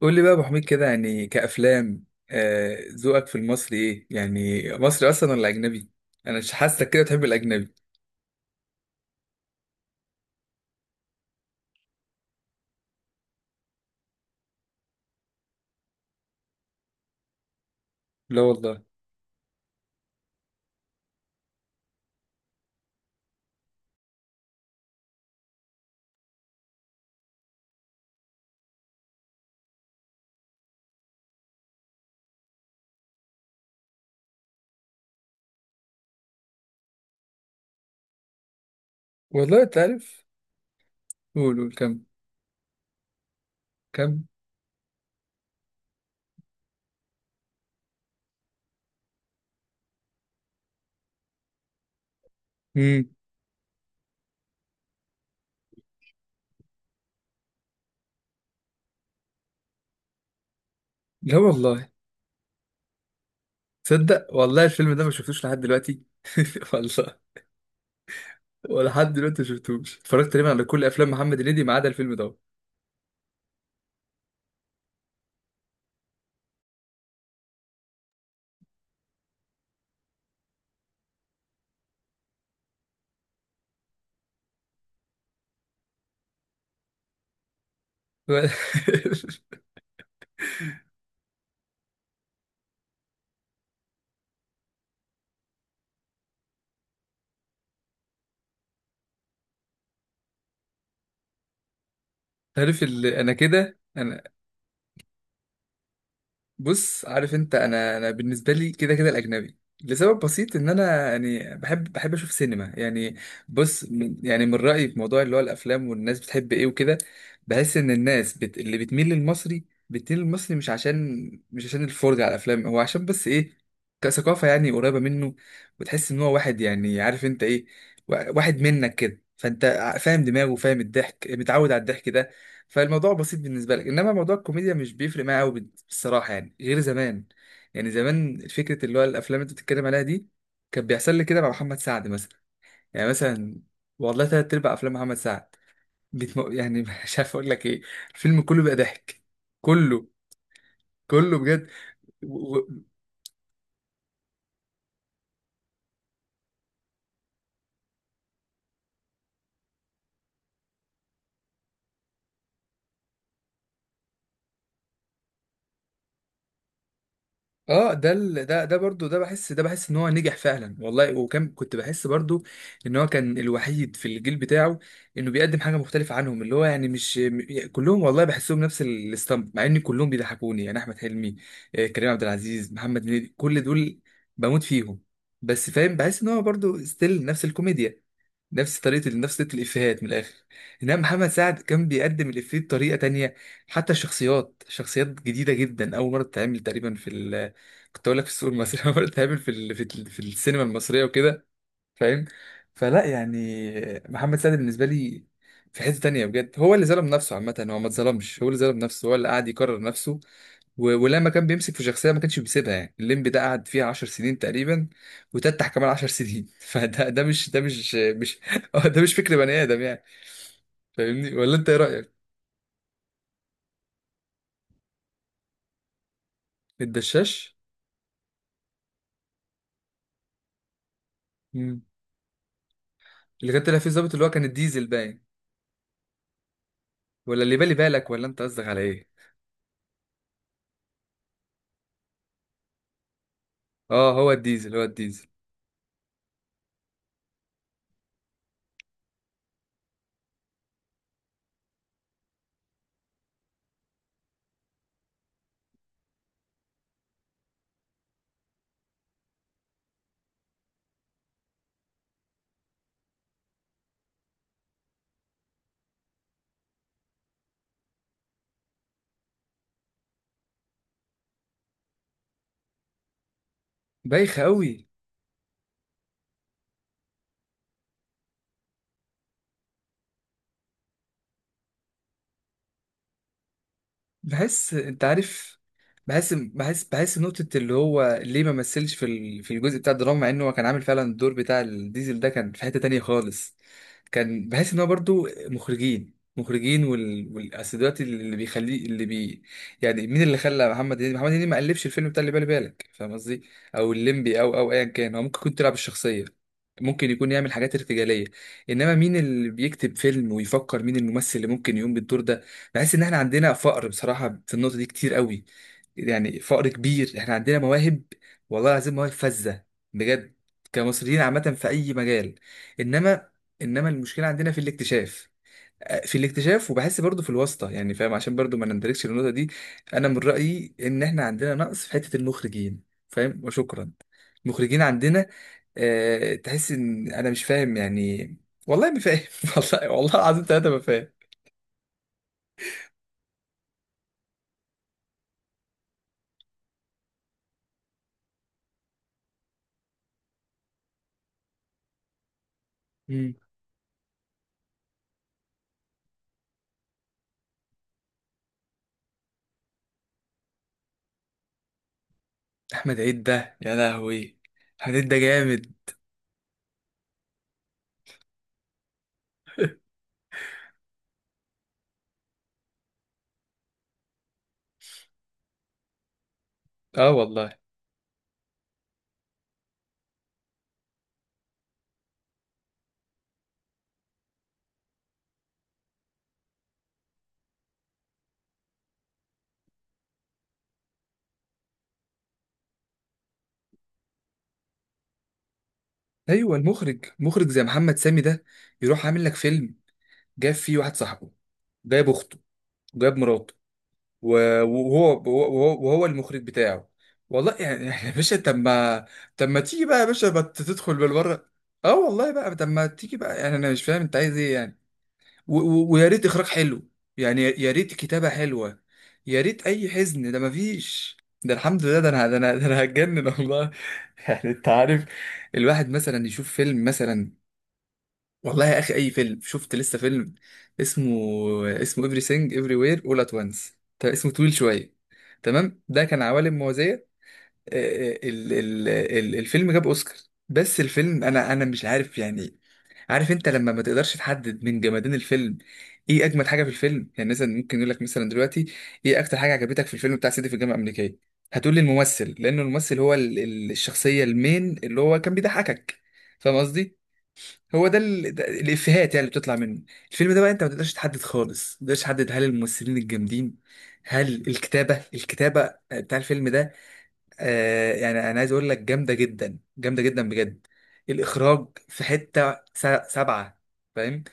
قول لي بقى يا ابو حميد كده، يعني كأفلام. ذوقك في المصري ايه؟ يعني مصري اصلا ولا اجنبي؟ انا مش حاسك كده تحب الاجنبي. لا والله. والله انت عارف. قول كم. كم. امم لا والله. تصدق والله الفيلم ده ما شفتوش لحد دلوقتي. والله. ولحد دلوقتي ما شفتوش، اتفرجت تقريبا على كل افلام محمد هنيدي ما عدا الفيلم ده. عارف، انا كده انا، بص، عارف انت، انا بالنسبه لي كده كده الاجنبي. لسبب بسيط، ان انا يعني بحب، اشوف سينما يعني. بص، من يعني من رايي في موضوع اللي هو الافلام والناس بتحب ايه وكده، بحس ان الناس اللي بتميل للمصري، بتميل للمصري مش عشان الفرجه على الافلام، هو عشان بس ايه؟ كثقافه، يعني قريبه منه، وتحس ان هو واحد، يعني عارف انت ايه، واحد منك كده، فانت فاهم دماغه، فاهم الضحك، متعود على الضحك ده. فالموضوع بسيط بالنسبه لك، انما موضوع الكوميديا مش بيفرق معايا قوي، بالصراحه، يعني غير زمان. يعني زمان فكره اللي هو الافلام اللي انت بتتكلم عليها دي كان بيحصل لي كده مع محمد سعد مثلا. يعني مثلا والله تلات ارباع افلام محمد سعد يعني مش عارف اقول لك ايه، الفيلم كله بقى ضحك، كله، كله، بجد. اه ده ده برضو، ده بحس ان هو نجح فعلا والله. وكان كنت بحس برضو ان هو كان الوحيد في الجيل بتاعه، انه بيقدم حاجه مختلفه عنهم، اللي هو يعني مش كلهم والله بحسهم نفس الستامب، مع ان كلهم بيضحكوني، يعني احمد حلمي، كريم عبد العزيز، محمد هنيدي، كل دول بموت فيهم. بس فاهم، بحس ان هو برضو ستيل نفس الكوميديا، نفس طريقة الإفيهات من الآخر. إنما محمد سعد كان بيقدم الإفيه بطريقة تانية، حتى الشخصيات، شخصيات جديدة جدا، أول مرة تتعمل تقريبا في ال، كنت أقول لك، في السوق المصري، أول مرة تتعمل في في السينما المصرية وكده. فاهم؟ فلا يعني، محمد سعد بالنسبة لي في حتة تانية بجد. هو اللي ظلم نفسه، عامة هو ما اتظلمش، هو اللي ظلم نفسه، هو اللي قاعد يكرر نفسه. ولما كان بيمسك في شخصيه ما كانش بيسيبها، يعني الليمبي ده قعد فيها 10 سنين تقريبا، وتتح كمان 10 سنين. فده ده مش ده مش مش ده مش فكر بني ادم يعني. فاهمني ولا انت ايه رايك؟ الدشاش. مم. اللي كان طلع فيه الظابط، اللي هو كان الديزل باين. ولا اللي بالي بالك؟ ولا انت قصدك على ايه؟ اه، هو الديزل، هو الديزل، بايخ قوي. بحس، انت عارف، بحس نقطة اللي هو ليه ما مثلش في في الجزء بتاع الدراما، مع انه هو كان عامل فعلا الدور بتاع الديزل ده، كان في حتة تانية خالص. كان بحس ان هو برضو مخرجين، والأصل دلوقتي اللي بيخليه، اللي بي، يعني مين اللي خلى محمد هنيدي محمد هنيدي؟ ما قلبش الفيلم بتاع اللي بالي بالك، فاهم قصدي؟ او الليمبي، او ايا كان، هو ممكن يكون تلعب الشخصية، ممكن يكون يعمل حاجات ارتجالية، انما مين اللي بيكتب فيلم ويفكر مين الممثل اللي ممكن يقوم بالدور ده؟ بحس ان احنا عندنا فقر بصراحه في النقطه دي كتير قوي، يعني فقر كبير. احنا عندنا مواهب، والله العظيم مواهب فذه، بجد، كمصريين عامه في اي مجال، انما انما المشكله عندنا في الاكتشاف، في الاكتشاف، وبحس برضو في الواسطه، يعني فاهم، عشان برضو ما نندركش النقطه دي. انا من رايي ان احنا عندنا نقص في حته المخرجين، فاهم؟ وشكرا. المخرجين عندنا، أه، تحس ان انا مش فاهم يعني، والله ما فاهم. والله، والله العظيم ثلاثه ما فاهم. احمد عيد ده يا لهوي، احمد عيد ده جامد، اه والله. ايوه، المخرج مخرج زي محمد سامي ده، يروح عامل لك فيلم جاب فيه واحد صاحبه، جايب اخته، وجايب مراته، وهو المخرج بتاعه. والله يعني يعني يا باشا، طب ما، طب ما تيجي بقى يا باشا بقى تدخل بالبره. اه والله بقى، طب ما تيجي بقى، يعني انا مش فاهم انت عايز ايه يعني. ويا ريت اخراج حلو، يعني يا ريت كتابة حلوة، يا ريت. اي حزن ده؟ مفيش. ده الحمد لله، ده انا، ده انا هتجنن والله. يعني انت عارف، الواحد مثلا يشوف فيلم مثلا، والله يا اخي اي فيلم. شفت لسه فيلم اسمه، اسمه everything everywhere all at once. ده اسمه طويل شوية. تمام، ده كان عوالم موازية. آه، الفيلم جاب اوسكار. بس الفيلم، انا مش عارف يعني. عارف انت لما ما تقدرش تحدد من جمادين الفيلم ايه اجمد حاجه في الفيلم؟ يعني مثلا ممكن يقول لك مثلا دلوقتي ايه اكتر حاجه عجبتك في الفيلم بتاع سيدي في الجامعه الامريكيه، هتقول لي الممثل، لان الممثل هو الشخصيه المين، اللي هو كان بيضحكك، فاهم قصدي؟ هو ده ده الافيهات يعني اللي بتطلع منه. الفيلم ده بقى انت ما تقدرش تحدد خالص، ما تقدرش تحدد هل الممثلين الجامدين، هل الكتابه بتاع الفيلم ده، آه يعني انا عايز اقول لك جامده جدا، جامده جدا بجد. الاخراج في حته سبعه، فاهم،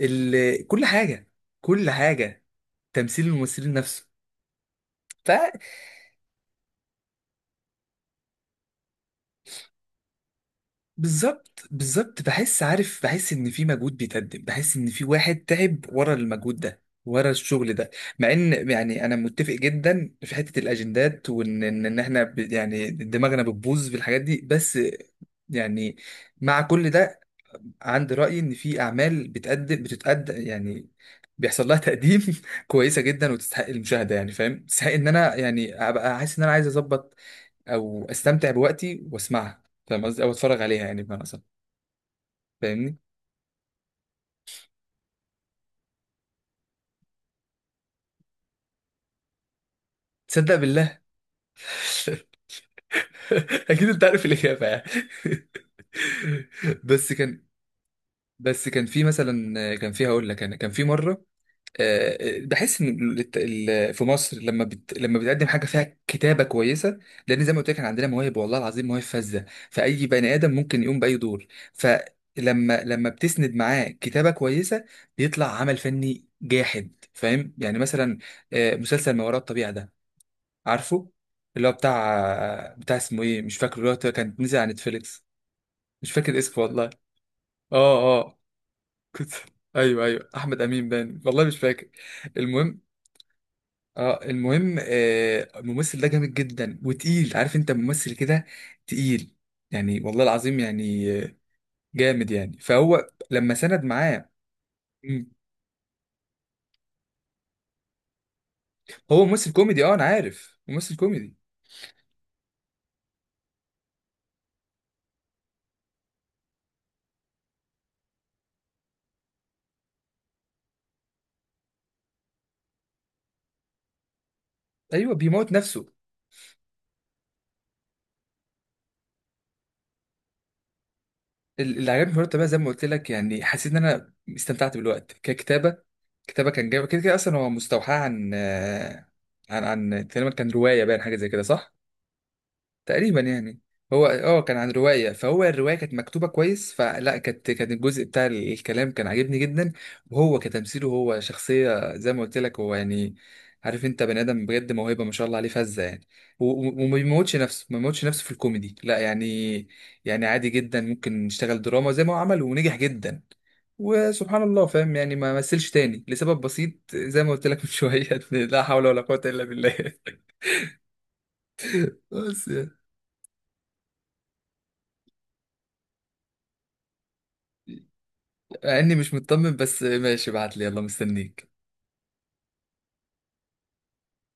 كل حاجه، كل حاجه، تمثيل الممثلين نفسه. ف، بالظبط بالظبط، بحس، عارف، بحس ان في مجهود بيتقدم، بحس ان في واحد تعب ورا المجهود ده، ورا الشغل ده. مع ان يعني انا متفق جدا في حته الاجندات، وان إن احنا يعني دماغنا بتبوظ في الحاجات دي، بس يعني، مع كل ده، عندي رأي إن في أعمال بتتقدم، يعني بيحصل لها تقديم، كويسة جدا وتستحق المشاهدة، يعني فاهم، تستحق إن أنا يعني أبقى حاسس إن أنا عايز أظبط أو أستمتع بوقتي وأسمعها، فاهم قصدي، أو أتفرج عليها يعني، بمعنى أصح. فاهمني؟ تصدق بالله، أكيد أنت عارف الإجابة يعني. بس كان، بس كان في مثلا، كان في، هقول لك، أنا كان في مرة، بحس ان في مصر لما لما بتقدم حاجه فيها كتابه كويسه، لان زي ما قلت لك، احنا عندنا مواهب، والله العظيم مواهب فذه، فاي بني ادم ممكن يقوم باي دور، لما بتسند معاه كتابه كويسه، بيطلع عمل فني جاحد، فاهم يعني؟ مثلا مسلسل ما وراء الطبيعه ده، عارفه، اللي هو بتاع اسمه ايه، مش فاكره، اللي هو كان نزل على نتفليكس. مش فاكر اسمه والله. اه، اه كنت، ايوه ايوه، احمد امين باين، والله مش فاكر. المهم، اه المهم، الممثل ده جامد جدا وتقيل، عارف انت ممثل كده تقيل، يعني والله العظيم يعني، جامد يعني، فهو لما سند معاه، مم، هو ممثل كوميدي، اه انا عارف ممثل كوميدي، ايوه بيموت نفسه. اللي عجبني في الوقت بقى زي ما قلت لك، يعني حسيت ان انا استمتعت بالوقت، ككتابه، كتابه كان جامد، كده كده اصلا هو مستوحاه عن عن، عن تقريبا كان روايه باين، حاجه زي كده صح؟ تقريبا يعني. هو اه كان عن رواية، فهو الرواية كانت مكتوبة كويس، فلا، كانت، كان الجزء بتاع الكلام كان عاجبني جدا. وهو كتمثيله، هو شخصية زي ما قلت لك، هو يعني، عارف انت، بني ادم بجد موهبة ما شاء الله عليه، فذة يعني. وما بيموتش نفسه، ما بيموتش نفسه في الكوميدي، لا يعني، يعني عادي جدا ممكن يشتغل دراما زي ما هو عمل ونجح جدا، وسبحان الله، فاهم يعني. ما مثلش تاني لسبب بسيط زي ما قلت لك من شوية. لا حول ولا قوة إلا بالله. بس يعني. مع اني مش مطمن، بس ماشي، ابعت لي، يلا مستنيك.